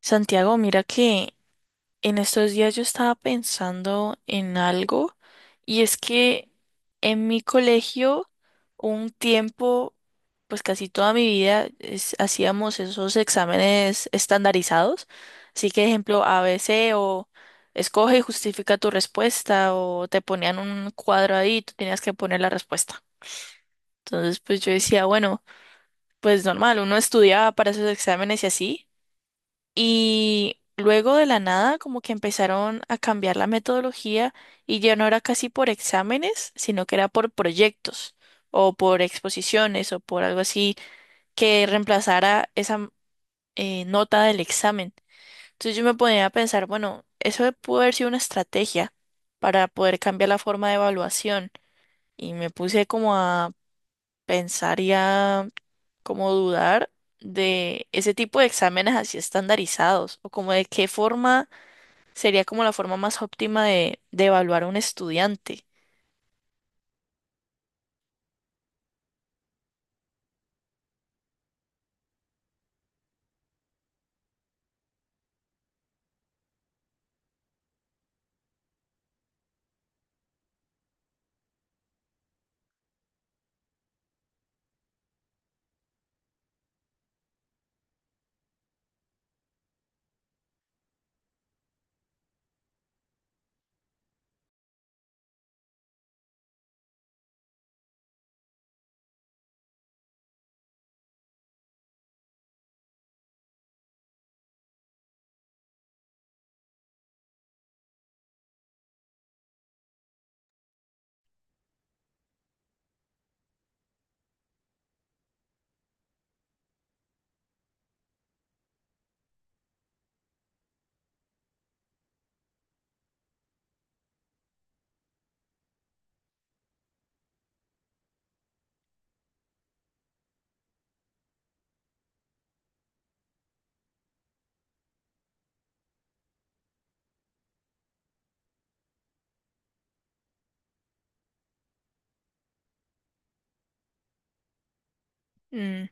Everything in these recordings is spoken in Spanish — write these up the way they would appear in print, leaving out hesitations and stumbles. Santiago, mira que en estos días yo estaba pensando en algo y es que en mi colegio un tiempo, pues casi toda mi vida, hacíamos esos exámenes estandarizados. Así que, ejemplo, A B C o escoge y justifica tu respuesta o te ponían un cuadro ahí y tú tenías que poner la respuesta. Entonces, pues yo decía, bueno, pues normal, uno estudiaba para esos exámenes y así. Y luego de la nada, como que empezaron a cambiar la metodología y ya no era casi por exámenes, sino que era por proyectos o por exposiciones o por algo así que reemplazara esa nota del examen. Entonces yo me ponía a pensar, bueno, eso pudo haber sido una estrategia para poder cambiar la forma de evaluación y me puse como a pensar y a como dudar de ese tipo de exámenes así estandarizados o como de qué forma sería como la forma más óptima de evaluar a un estudiante. Mm,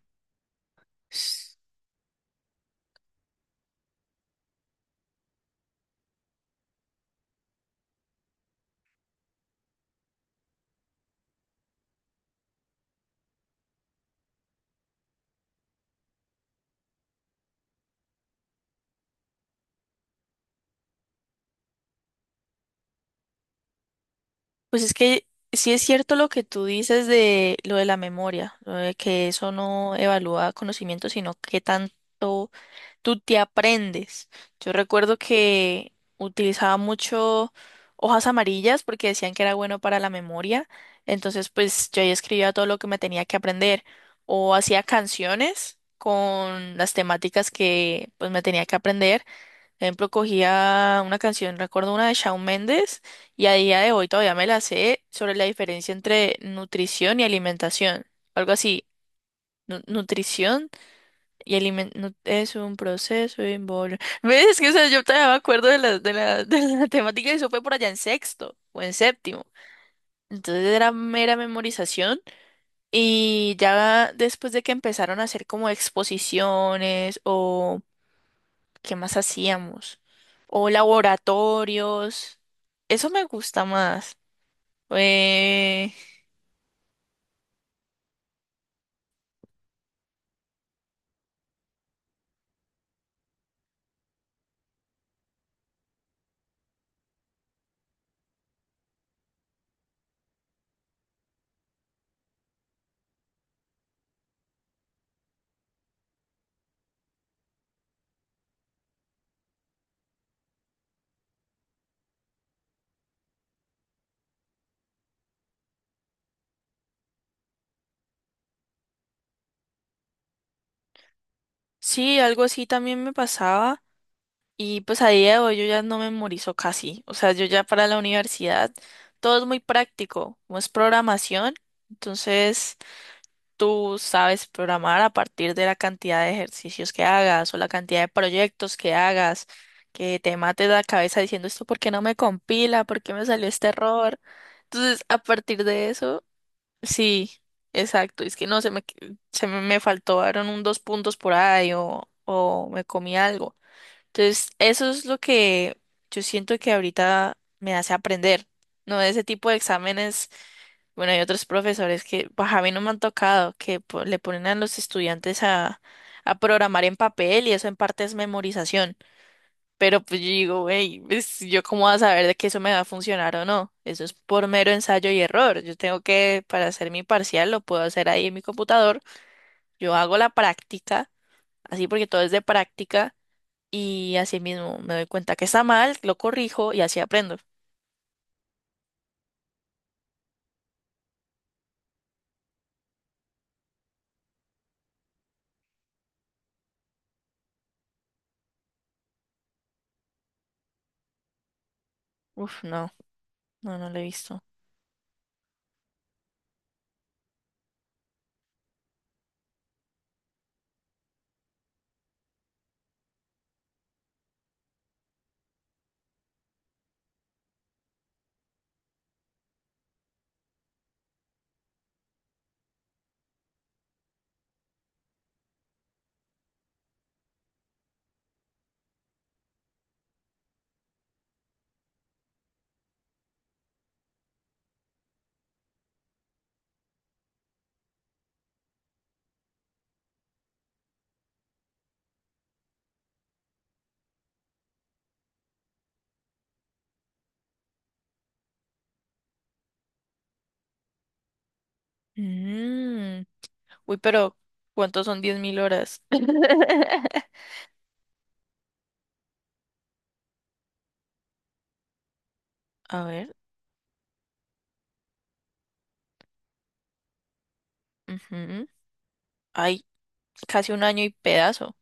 s- Pues es que sí es cierto lo que tú dices de lo de la memoria, lo de que eso no evalúa conocimiento, sino qué tanto tú te aprendes. Yo recuerdo que utilizaba mucho hojas amarillas porque decían que era bueno para la memoria, entonces pues yo ahí escribía todo lo que me tenía que aprender o hacía canciones con las temáticas que pues me tenía que aprender. Ejemplo, cogía una canción, recuerdo una de Shawn Mendes, y a día de hoy todavía me la sé sobre la diferencia entre nutrición y alimentación. Algo así. Nutrición y alimentación es un proceso involucrado. ¿Ves? Es que, o sea, yo todavía me acuerdo de de la temática y eso fue por allá en sexto o en séptimo. Entonces era mera memorización y ya después de que empezaron a hacer como exposiciones o ¿qué más hacíamos? O laboratorios. Eso me gusta más. Eh, sí, algo así también me pasaba. Y pues a día de hoy yo ya no memorizo casi. O sea, yo ya para la universidad todo es muy práctico, como es programación. Entonces, tú sabes programar a partir de la cantidad de ejercicios que hagas o la cantidad de proyectos que hagas, que te mates la cabeza diciendo esto porque no me compila, por qué me salió este error. Entonces, a partir de eso, sí, exacto. Es que no, me faltó, eran un dos puntos por ahí o me comí algo. Entonces, eso es lo que yo siento que ahorita me hace aprender, ¿no? Ese tipo de exámenes, bueno, hay otros profesores que, pues a mí no me han tocado, que le ponen a los estudiantes a programar en papel y eso en parte es memorización. Pero pues yo digo, hey, ¿yo cómo voy a saber de que eso me va a funcionar o no? Eso es por mero ensayo y error. Yo tengo que, para hacer mi parcial, lo puedo hacer ahí en mi computador. Yo hago la práctica, así porque todo es de práctica y así mismo me doy cuenta que está mal, lo corrijo y así aprendo. Uf, no, no, no lo he visto. Mm, Uy, pero ¿cuántos son 10.000 horas? A ver, ujú, ay, casi un año y pedazo.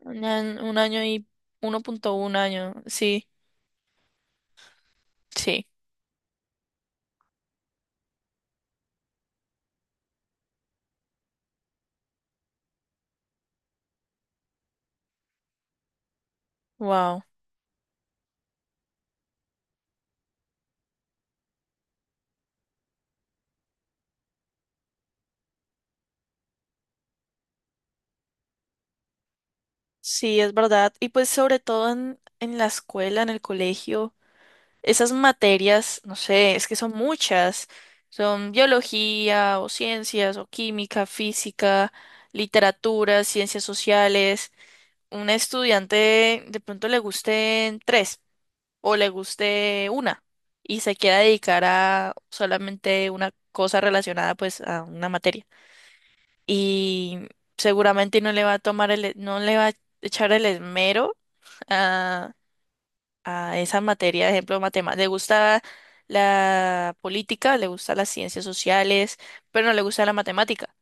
Un año y 1,1 año, sí, sí, wow. Sí, es verdad. Y pues sobre todo en la escuela, en el colegio. Esas materias, no sé, es que son muchas. Son biología o ciencias o química, física, literatura, ciencias sociales. Un estudiante de pronto le gusten tres o le guste una y se quiera dedicar a solamente una cosa relacionada pues a una materia. Y seguramente no le va a tomar el, no le va a echar el esmero a esa materia, de ejemplo, matemáticas. Le gusta la política, le gusta las ciencias sociales, pero no le gusta la matemática.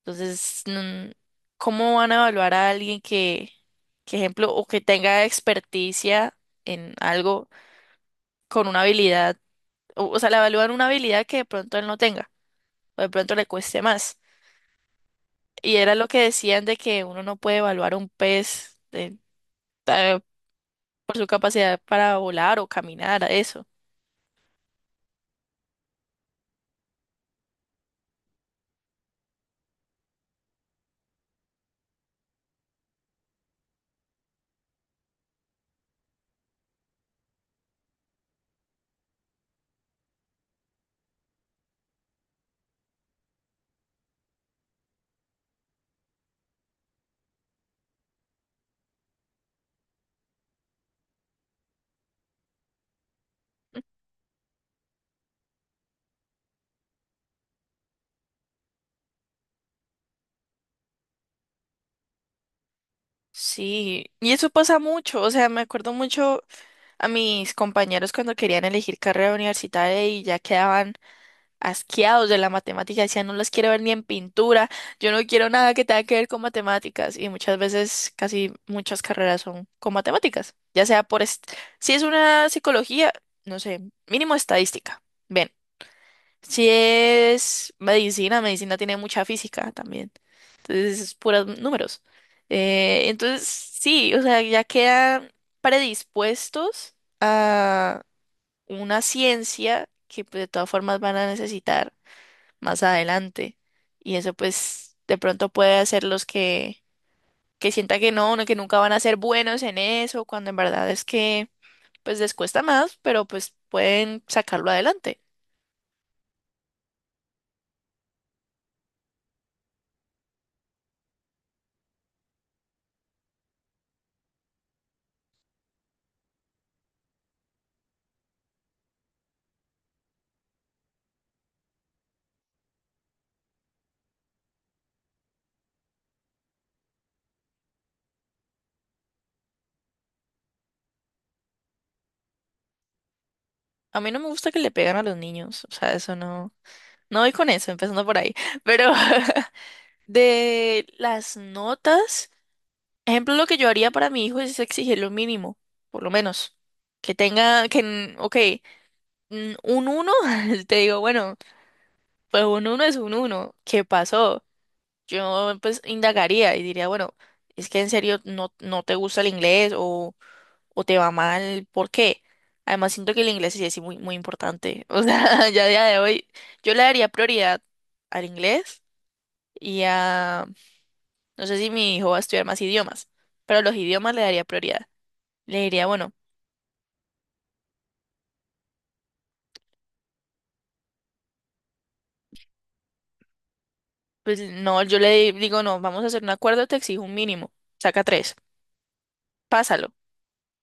Entonces, ¿cómo van a evaluar a alguien que ejemplo, o que tenga experticia en algo con una habilidad? O sea, le evalúan una habilidad que de pronto él no tenga, o de pronto le cueste más. Y era lo que decían de que uno no puede evaluar a un pez eh, por su capacidad para volar o caminar, a eso. Sí, y eso pasa mucho, o sea, me acuerdo mucho a mis compañeros cuando querían elegir carrera universitaria y ya quedaban asqueados de la matemática, decían, no las quiero ver ni en pintura, yo no quiero nada que tenga que ver con matemáticas, y muchas veces casi muchas carreras son con matemáticas, ya sea por, si es una psicología, no sé, mínimo estadística. Ven. Si es medicina, medicina tiene mucha física también. Entonces, es puros números. Entonces, sí, o sea, ya quedan predispuestos a una ciencia que pues, de todas formas van a necesitar más adelante. Y eso pues de pronto puede hacerlos que sienta que no, no, que nunca van a ser buenos en eso, cuando en verdad es que pues les cuesta más, pero pues pueden sacarlo adelante. A mí no me gusta que le pegan a los niños, o sea, eso no, no voy con eso, empezando por ahí. Pero de las notas, ejemplo, lo que yo haría para mi hijo es exigir lo mínimo, por lo menos. Que tenga, que, ok, un uno, te digo, bueno, pues un uno es un uno. ¿Qué pasó? Yo pues indagaría y diría, bueno, es que en serio no, no te gusta el inglés o te va mal, ¿por qué? Además, siento que el inglés sí es muy, muy importante. O sea, ya a día de hoy, yo le daría prioridad al inglés y a, no sé si mi hijo va a estudiar más idiomas, pero a los idiomas le daría prioridad. Le diría, bueno, pues no, yo le digo, no, vamos a hacer un acuerdo, te exijo un mínimo, saca tres, pásalo,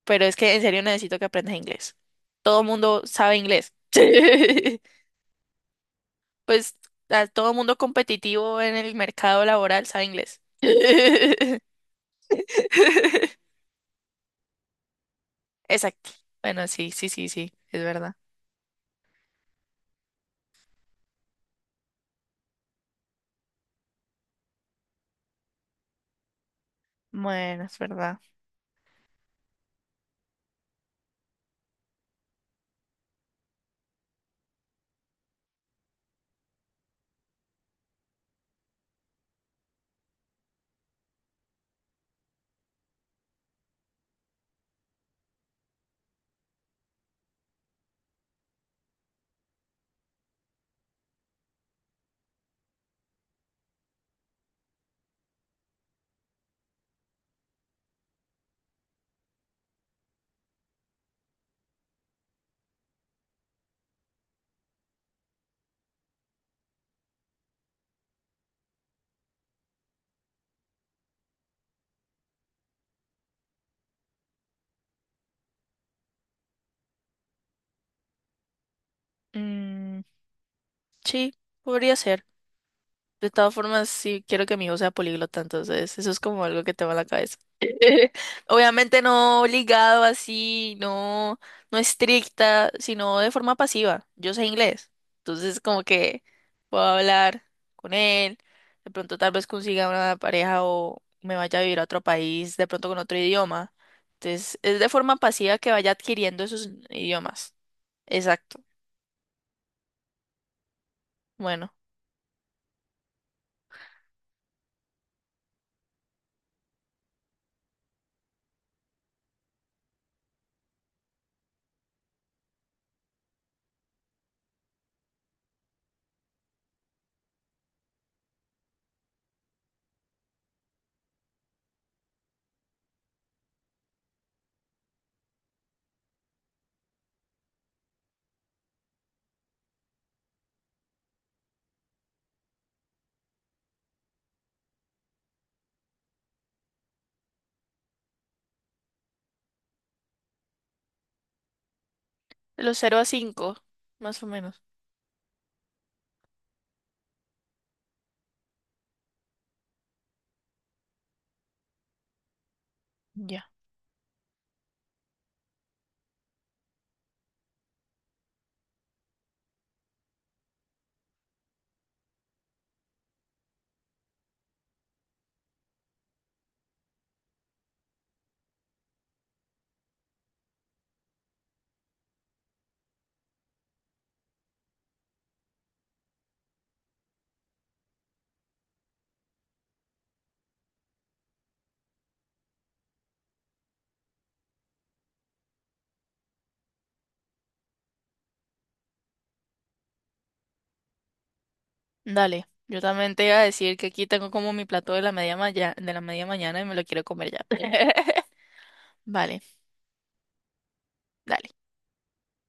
pero es que en serio necesito que aprendas inglés. Todo el mundo sabe inglés. Pues a todo mundo competitivo en el mercado laboral sabe inglés. Exacto. Bueno, sí, sí, sí, sí, es verdad. Bueno, es verdad. Mm, sí, podría ser. De todas formas, sí quiero que mi hijo sea políglota, entonces eso es como algo que tengo en la cabeza. Obviamente no obligado así, no, no estricta, sino de forma pasiva. Yo sé inglés, entonces como que puedo hablar con él, de pronto tal vez consiga una pareja o me vaya a vivir a otro país, de pronto con otro idioma. Entonces es de forma pasiva que vaya adquiriendo esos idiomas. Exacto. Bueno, de los cero a 5 más o menos. Ya. Dale, yo también te iba a decir que aquí tengo como mi plato de la media, de la media mañana y me lo quiero comer ya. Vale, dale.